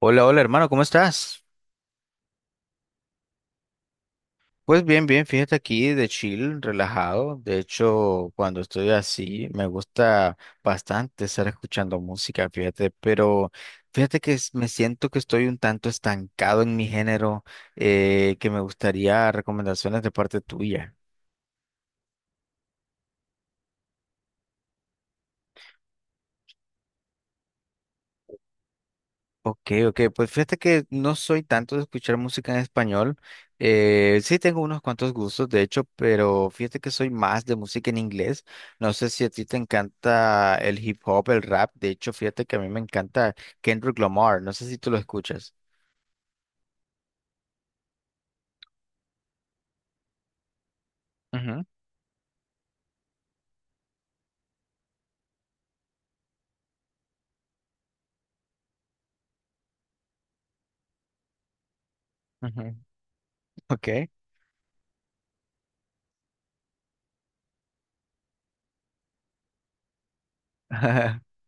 Hola, hola hermano, ¿cómo estás? Pues bien, bien, fíjate aquí de chill, relajado. De hecho, cuando estoy así, me gusta bastante estar escuchando música, fíjate, pero fíjate que me siento que estoy un tanto estancado en mi género, que me gustaría recomendaciones de parte tuya. Ok, ok, pues fíjate que no soy tanto de escuchar música en español. Sí tengo unos cuantos gustos, de hecho, pero fíjate que soy más de música en inglés. No sé si a ti te encanta el hip hop, el rap. De hecho, fíjate que a mí me encanta Kendrick Lamar. No sé si tú lo escuchas. Ujú, ujú. Ok.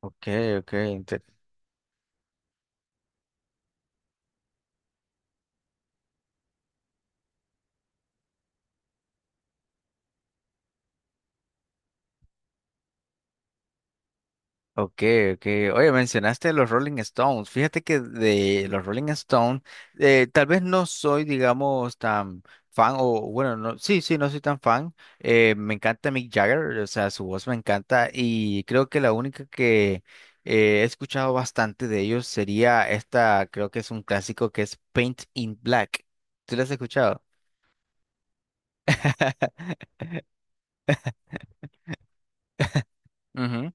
Ok, ok, ok, ok. Oye, mencionaste los Rolling Stones. Fíjate que de los Rolling Stones, tal vez no soy, digamos, tan fan, o bueno, no, sí, sí, no soy tan fan. Me encanta Mick Jagger, o sea, su voz me encanta y creo que la única que he escuchado bastante de ellos sería esta, creo que es un clásico que es Paint in Black. ¿Tú la has escuchado? Ujú.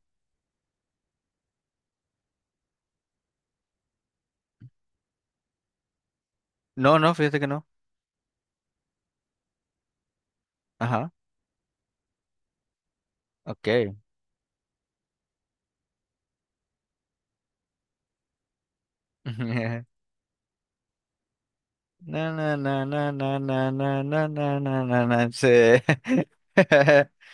No, no, fíjate que no. Ajá, ok. Na, na, na, na, na, na, na, na, na, na, na, na. Sí.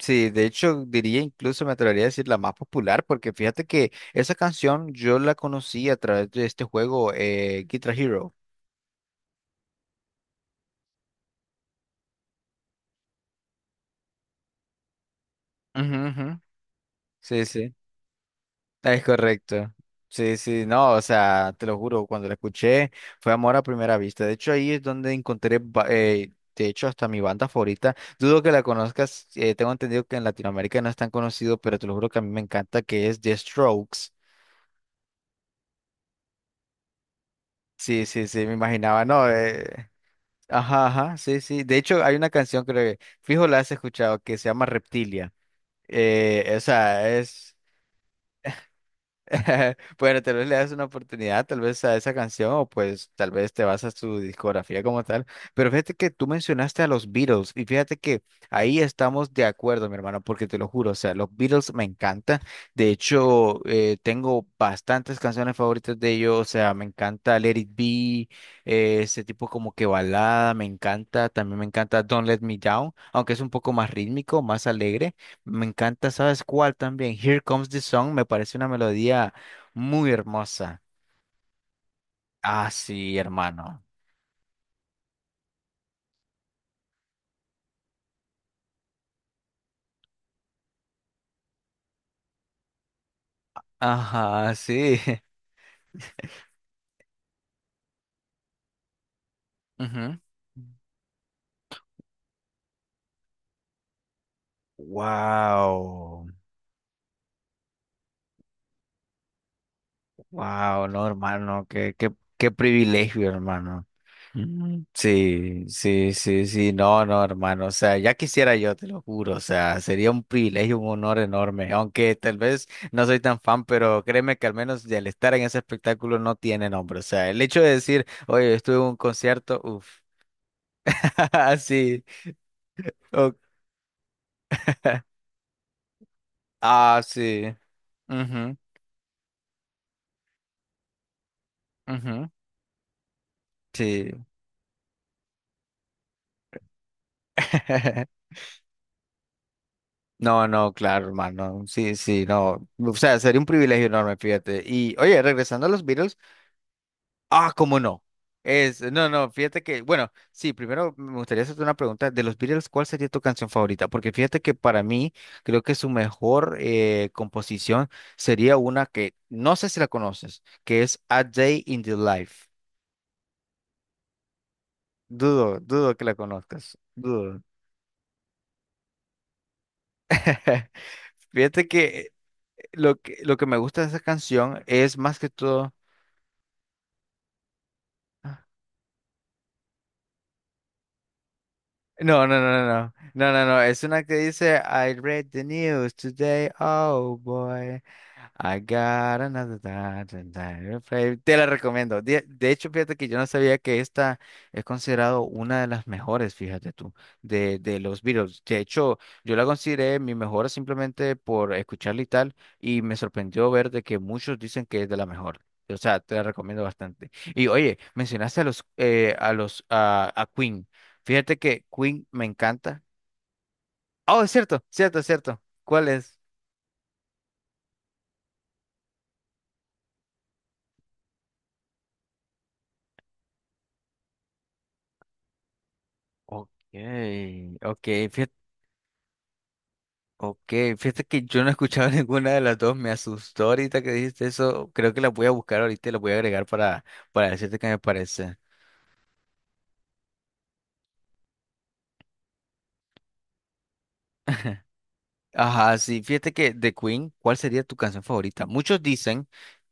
Sí, de hecho diría incluso me atrevería a decir la más popular porque fíjate que esa canción yo la conocí a través de este juego Guitar Hero. Ujú, ujú. Sí, sí. Es correcto. Sí, sí, no, o sea, te lo juro, cuando la escuché fue amor a primera vista. De hecho, ahí es donde encontré, de hecho, hasta mi banda favorita. Dudo que la conozcas, tengo entendido que en Latinoamérica no es tan conocido, pero te lo juro que a mí me encanta que es The Strokes. Sí, sí, sí, me imaginaba, no, ajá, ajá, sí, sí. De hecho, hay una canción creo que, fijo, la has escuchado, que se llama Reptilia. O sea, es. Bueno, tal vez le das una oportunidad, tal vez a esa canción, o pues tal vez te vas a su discografía como tal. Pero fíjate que tú mencionaste a los Beatles, y fíjate que ahí estamos de acuerdo, mi hermano, porque te lo juro, o sea, los Beatles me encantan. De hecho, tengo bastantes canciones favoritas de ellos, o sea, me encanta Let It Be, ese tipo como que balada, me encanta. También me encanta Don't Let Me Down, aunque es un poco más rítmico, más alegre. Me encanta, ¿sabes cuál también? Here Comes the Sun me parece una melodía muy hermosa. Ah, sí, hermano. Ajá, sí. Wow. Wow, no, hermano, qué privilegio, hermano. Mm. Sí, sí, sí, sí, no, no, hermano, o sea, ya quisiera yo, te lo juro, o sea, sería un privilegio, un honor enorme, aunque tal vez no soy tan fan, pero créeme que al menos el estar en ese espectáculo no tiene nombre, o sea, el hecho de decir, oye, estuve en un concierto, uff, sí, o- ah, sí, mhm, mhm, sí. No, no, claro, hermano. Sí, sí, no. O sea, sería un privilegio enorme, fíjate. Y oye, regresando a los Beatles, ah, cómo no. No, no, fíjate que, bueno, sí, primero me gustaría hacerte una pregunta. De los Beatles, ¿cuál sería tu canción favorita? Porque fíjate que para mí, creo que su mejor composición sería una que no sé si la conoces, que es A Day in the Life. Dudo, dudo que la conozcas. Dudo. Fíjate que lo que me gusta de esa canción es más que todo. No, no, no, no, no, no, no, es una que dice, I read the news today, oh boy, I got another play". Te la recomiendo. De hecho, fíjate que yo no sabía que esta es considerado una de las mejores, fíjate tú, de los Beatles. De hecho, yo la consideré mi mejor simplemente por escucharla y tal, y me sorprendió ver de que muchos dicen que es de la mejor. O sea, te la recomiendo bastante. Y oye, mencionaste a los, a los, a Queen. Fíjate que Queen me encanta. Oh, es cierto, cierto, cierto. ¿Cuál es? Ok, ok, fíjate, okay, fíjate que yo no he escuchado ninguna de las dos. Me asustó ahorita que dijiste eso. Creo que la voy a buscar ahorita y la voy a agregar para decirte qué me parece. Ajá, sí, fíjate que de Queen, ¿cuál sería tu canción favorita? Muchos dicen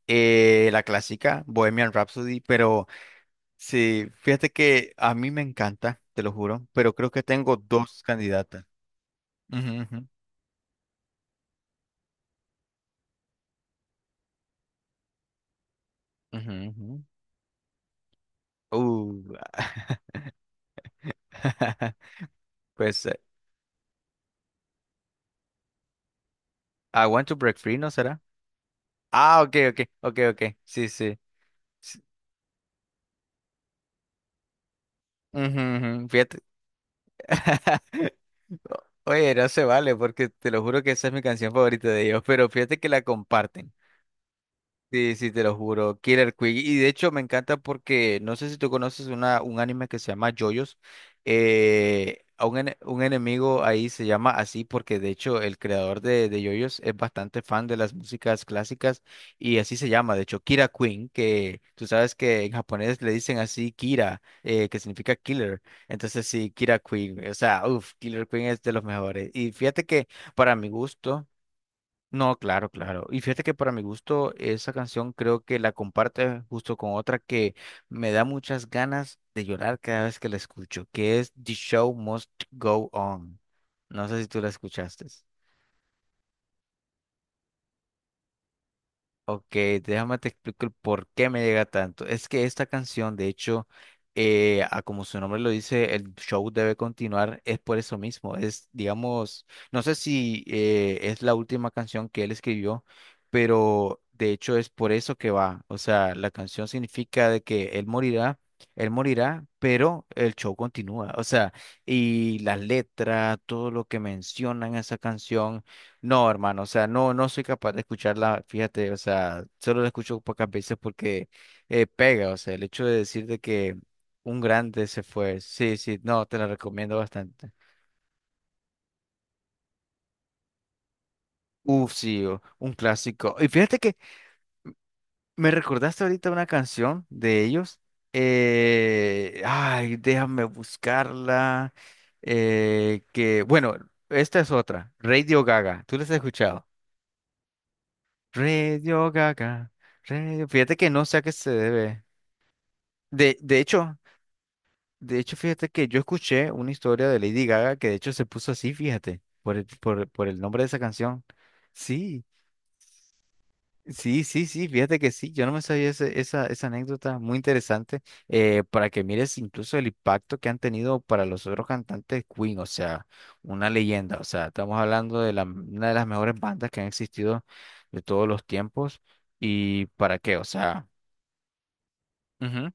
la clásica Bohemian Rhapsody, pero sí, fíjate que a mí me encanta, te lo juro, pero creo que tengo dos candidatas. Ujú, ujú, ujú, ujú. Uh, pues I want to break free, ¿no será? Ah, ok, ok, ok, ok. Sí, sí. Sí. Ujú, ujú. Fíjate. Oye, no se vale porque te lo juro que esa es mi canción favorita de ellos, pero fíjate que la comparten. Sí, sí, te lo juro. Killer Queen. Y de hecho me encanta porque no sé si tú conoces un anime que se llama JoJo's. A un enemigo ahí se llama así porque de hecho el creador de JoJo's es bastante fan de las músicas clásicas y así se llama. De hecho, Kira Queen, que tú sabes que en japonés le dicen así Kira, que significa killer. Entonces sí, Kira Queen. O sea, uff, Killer Queen es de los mejores. Y fíjate que para mi gusto. No, claro, claro. Y fíjate que para mi gusto esa canción creo que la comparte justo con otra que me da muchas ganas de llorar cada vez que la escucho, que es The Show Must Go On. No sé si tú la escuchaste. Ok, déjame te explico el por qué me llega tanto. Es que esta canción, de hecho, a como su nombre lo dice, el show debe continuar, es por eso mismo. Es, digamos, no sé si es la última canción que él escribió, pero de hecho es por eso que va. O sea, la canción significa de que él morirá, pero el show continúa. O sea, y las letras, todo lo que mencionan esa canción. No, hermano, o sea, no, no soy capaz de escucharla, fíjate, o sea, solo la escucho pocas veces porque pega, o sea, el hecho de decir de que un grande se fue, sí, sí, no, te la recomiendo bastante. Uf, sí, un clásico. Y fíjate que me recordaste ahorita una canción de ellos, ay, déjame buscarla, que, bueno, esta es otra, Radio Gaga, ¿tú la has escuchado? Radio Gaga, fíjate que no sé a qué se debe. De, de hecho, de hecho, fíjate que yo escuché una historia de Lady Gaga que de hecho se puso así, fíjate, por el nombre de esa canción. Sí, sí, sí, sí, fíjate que sí, yo no me sabía esa anécdota, muy interesante, para que mires incluso el impacto que han tenido para los otros cantantes Queen, o sea, una leyenda, o sea, estamos hablando de una de las mejores bandas que han existido de todos los tiempos, y para qué, o sea, ujú,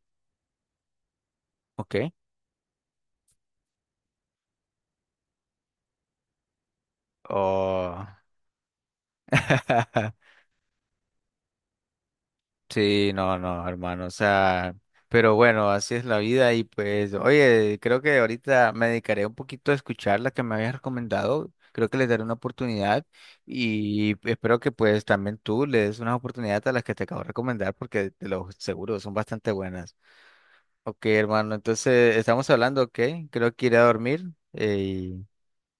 ok, oh. Sí, no, no, hermano, o sea, pero bueno, así es la vida y pues, oye, creo que ahorita me dedicaré un poquito a escuchar la que me habías recomendado, creo que les daré una oportunidad y espero que pues también tú le des una oportunidad a las que te acabo de recomendar porque te lo seguro, son bastante buenas. Ok, hermano, entonces estamos hablando, ok, creo que iré a dormir eh,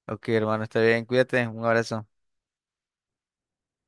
ok, hermano, está bien, cuídate, un abrazo.